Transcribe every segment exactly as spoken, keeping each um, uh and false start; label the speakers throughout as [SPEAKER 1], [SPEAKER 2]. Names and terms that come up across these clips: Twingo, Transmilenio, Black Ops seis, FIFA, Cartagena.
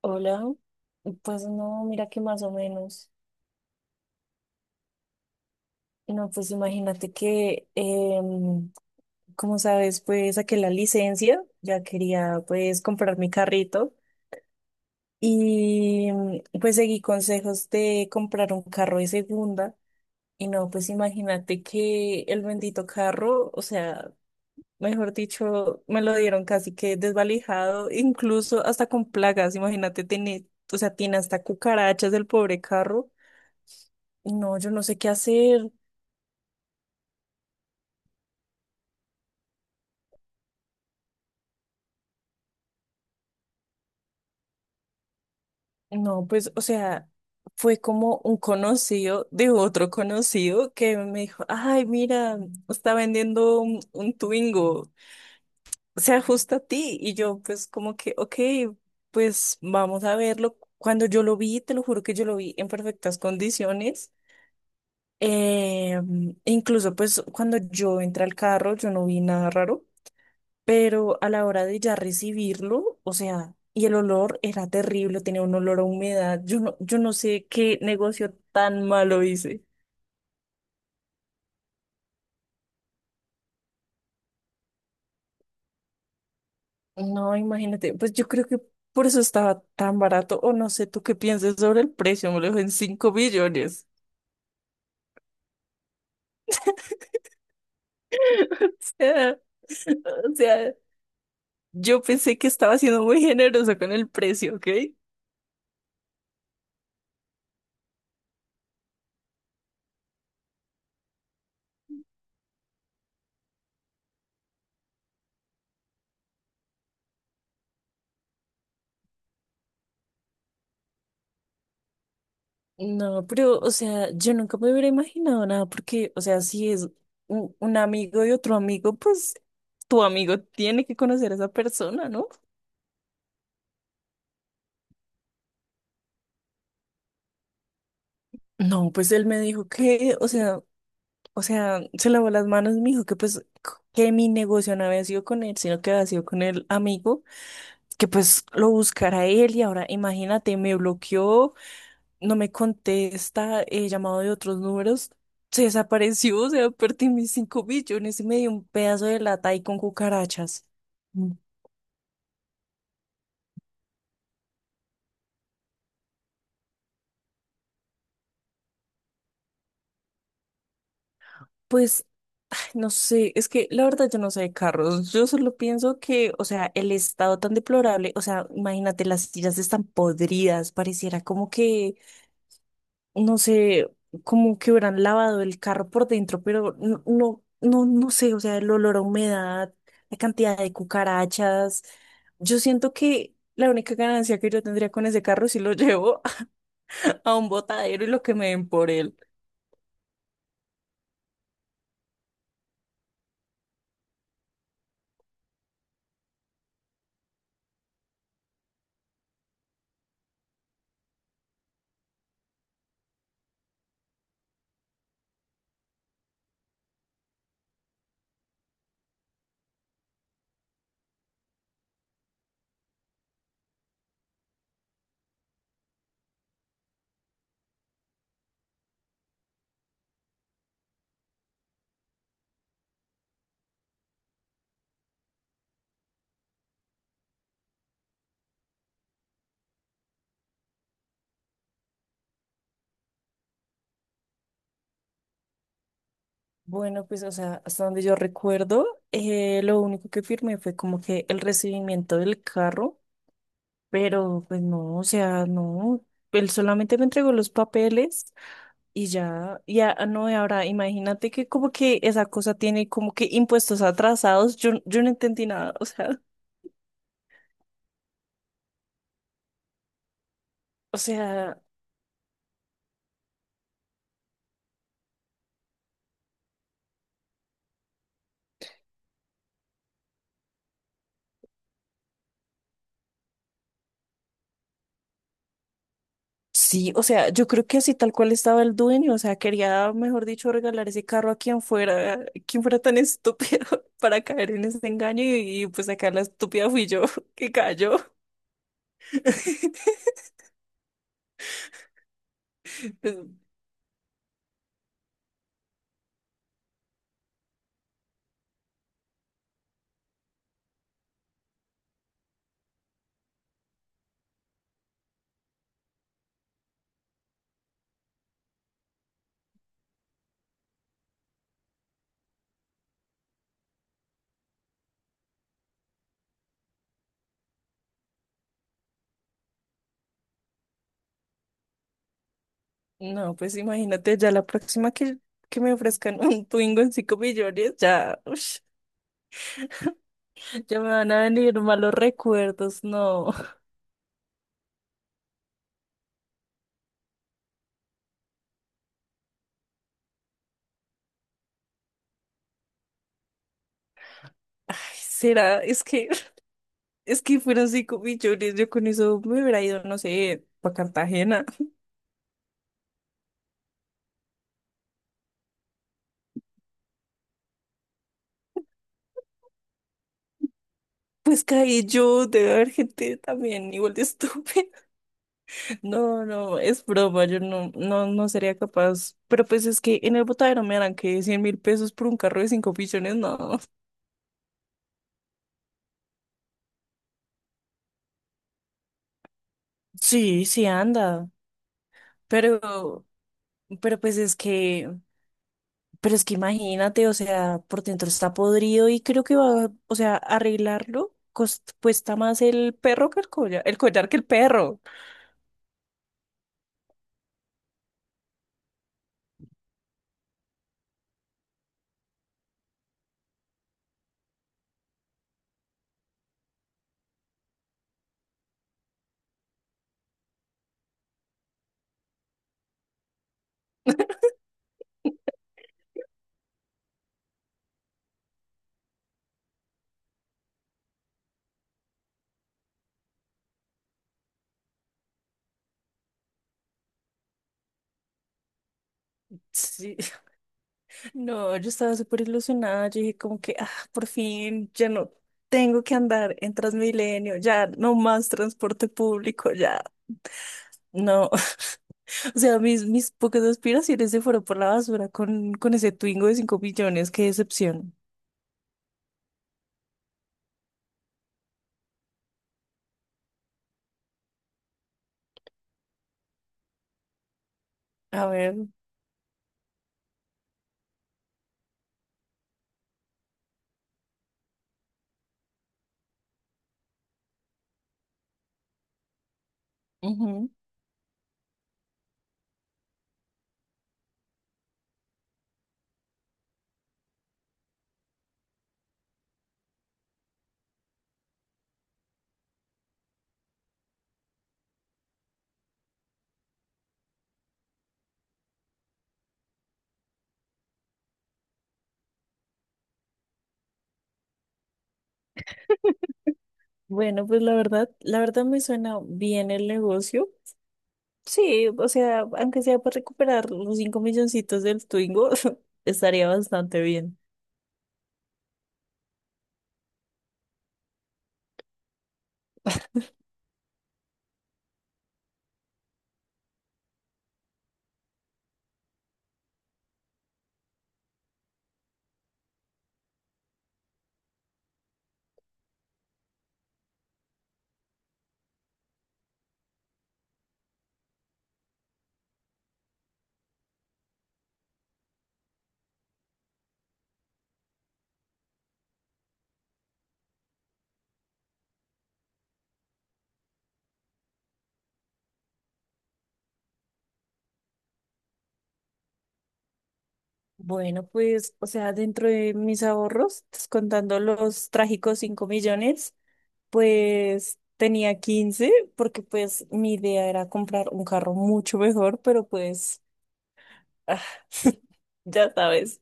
[SPEAKER 1] Hola, pues no, mira que más o menos. Y No, pues imagínate que, em, como sabes, pues saqué la licencia, ya quería pues comprar mi carrito y mm, pues seguí consejos de comprar un carro de segunda. Y no, pues imagínate que el bendito carro, o sea, mejor dicho, me lo dieron casi que desvalijado, incluso hasta con plagas, imagínate, tiene, o sea, tiene hasta cucarachas del pobre carro. No, yo no sé qué hacer. No, pues, o sea, fue como un conocido de otro conocido que me dijo, ay, mira, está vendiendo un, un Twingo, se ajusta a ti. Y yo, pues, como que, ok, pues vamos a verlo. Cuando yo lo vi, te lo juro que yo lo vi en perfectas condiciones. Eh, incluso, pues, cuando yo entré al carro, yo no vi nada raro. Pero a la hora de ya recibirlo, o sea, y el olor era terrible, tenía un olor a humedad. Yo no, yo no sé qué negocio tan malo hice. No, imagínate, pues yo creo que por eso estaba tan barato, o no sé tú qué piensas sobre el precio, me lo dejó en cinco billones. O sea, yo pensé que estaba siendo muy generoso con el precio, ¿ok? No, pero, o sea, yo nunca me hubiera imaginado nada, porque, o sea, si es un, un amigo de otro amigo, pues tu amigo tiene que conocer a esa persona, ¿no? No, pues él me dijo que, o sea, O sea, se lavó las manos, y me dijo que pues c- que mi negocio no había sido con él, sino que había sido con el amigo, que pues lo buscara él y ahora imagínate, me bloqueó, no me contesta, he llamado de otros números, se desapareció, o sea, perdí mis cinco millones y me dio un pedazo de lata ahí con cucarachas. Mm. Pues no sé, es que la verdad yo no sé de carros. Yo solo pienso que, o sea, el estado tan deplorable, o sea, imagínate, las sillas están podridas, pareciera como que, no sé, como que hubieran lavado el carro por dentro, pero no, no, no, no sé, o sea, el olor a humedad, la cantidad de cucarachas. Yo siento que la única ganancia que yo tendría con ese carro si lo llevo a un botadero y lo que me den por él. Bueno, pues, o sea, hasta donde yo recuerdo, eh, lo único que firmé fue como que el recibimiento del carro, pero pues no, o sea, no, él solamente me entregó los papeles y ya, ya, no, y ahora imagínate que como que esa cosa tiene como que impuestos atrasados, yo, yo no entendí nada, o sea. O sea, sí, o sea, yo creo que así tal cual estaba el dueño, o sea, quería, mejor dicho, regalar ese carro a quien fuera, quien fuera tan estúpido para caer en ese engaño y, y, pues acá la estúpida fui yo que cayó. Pues, no, pues imagínate, ya la próxima que, que me ofrezcan un Twingo en cinco millones, ya, ush, ya me van a venir malos recuerdos, no. Ay, será, es que, es que fueron cinco millones, yo con eso me hubiera ido, no sé, para Cartagena. Pues caí yo de ver gente también igual de estúpida. No, no, es broma, yo no, no, no sería capaz. Pero pues es que en el botadero me harán que cien mil pesos por un carro de cinco pichones, no. Sí, sí anda. Pero, pero pues es que Pero es que imagínate, o sea, por dentro está podrido y creo que va, o sea, arreglarlo cos- cuesta más el perro que el collar, el collar que el perro. Sí. No, yo estaba súper ilusionada. Yo dije como que, ah, por fin, ya no tengo que andar en Transmilenio, ya no más transporte público, ya no. O sea, mis, mis pocas aspiraciones se fueron por la basura con, con ese Twingo de cinco millones, qué decepción. A ver. Ujú. Bueno, pues la verdad, la verdad me suena bien el negocio. Sí, o sea, aunque sea para recuperar los cinco milloncitos del Twingo, estaría bastante bien. Bueno, pues, o sea, dentro de mis ahorros, pues, contando los trágicos cinco millones, pues tenía quince, porque pues mi idea era comprar un carro mucho mejor, pero pues ah, ya sabes.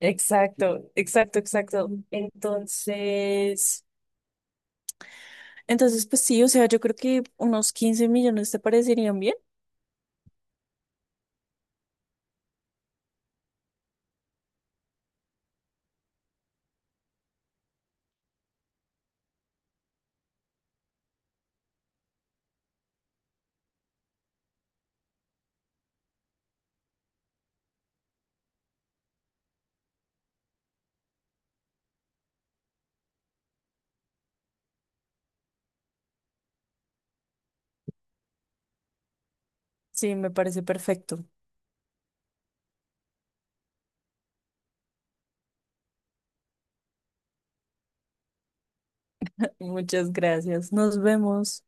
[SPEAKER 1] Exacto, exacto, exacto. Entonces, entonces, pues sí, o sea, yo creo que unos quince millones te parecerían bien. Sí, me parece perfecto. Muchas gracias. Nos vemos.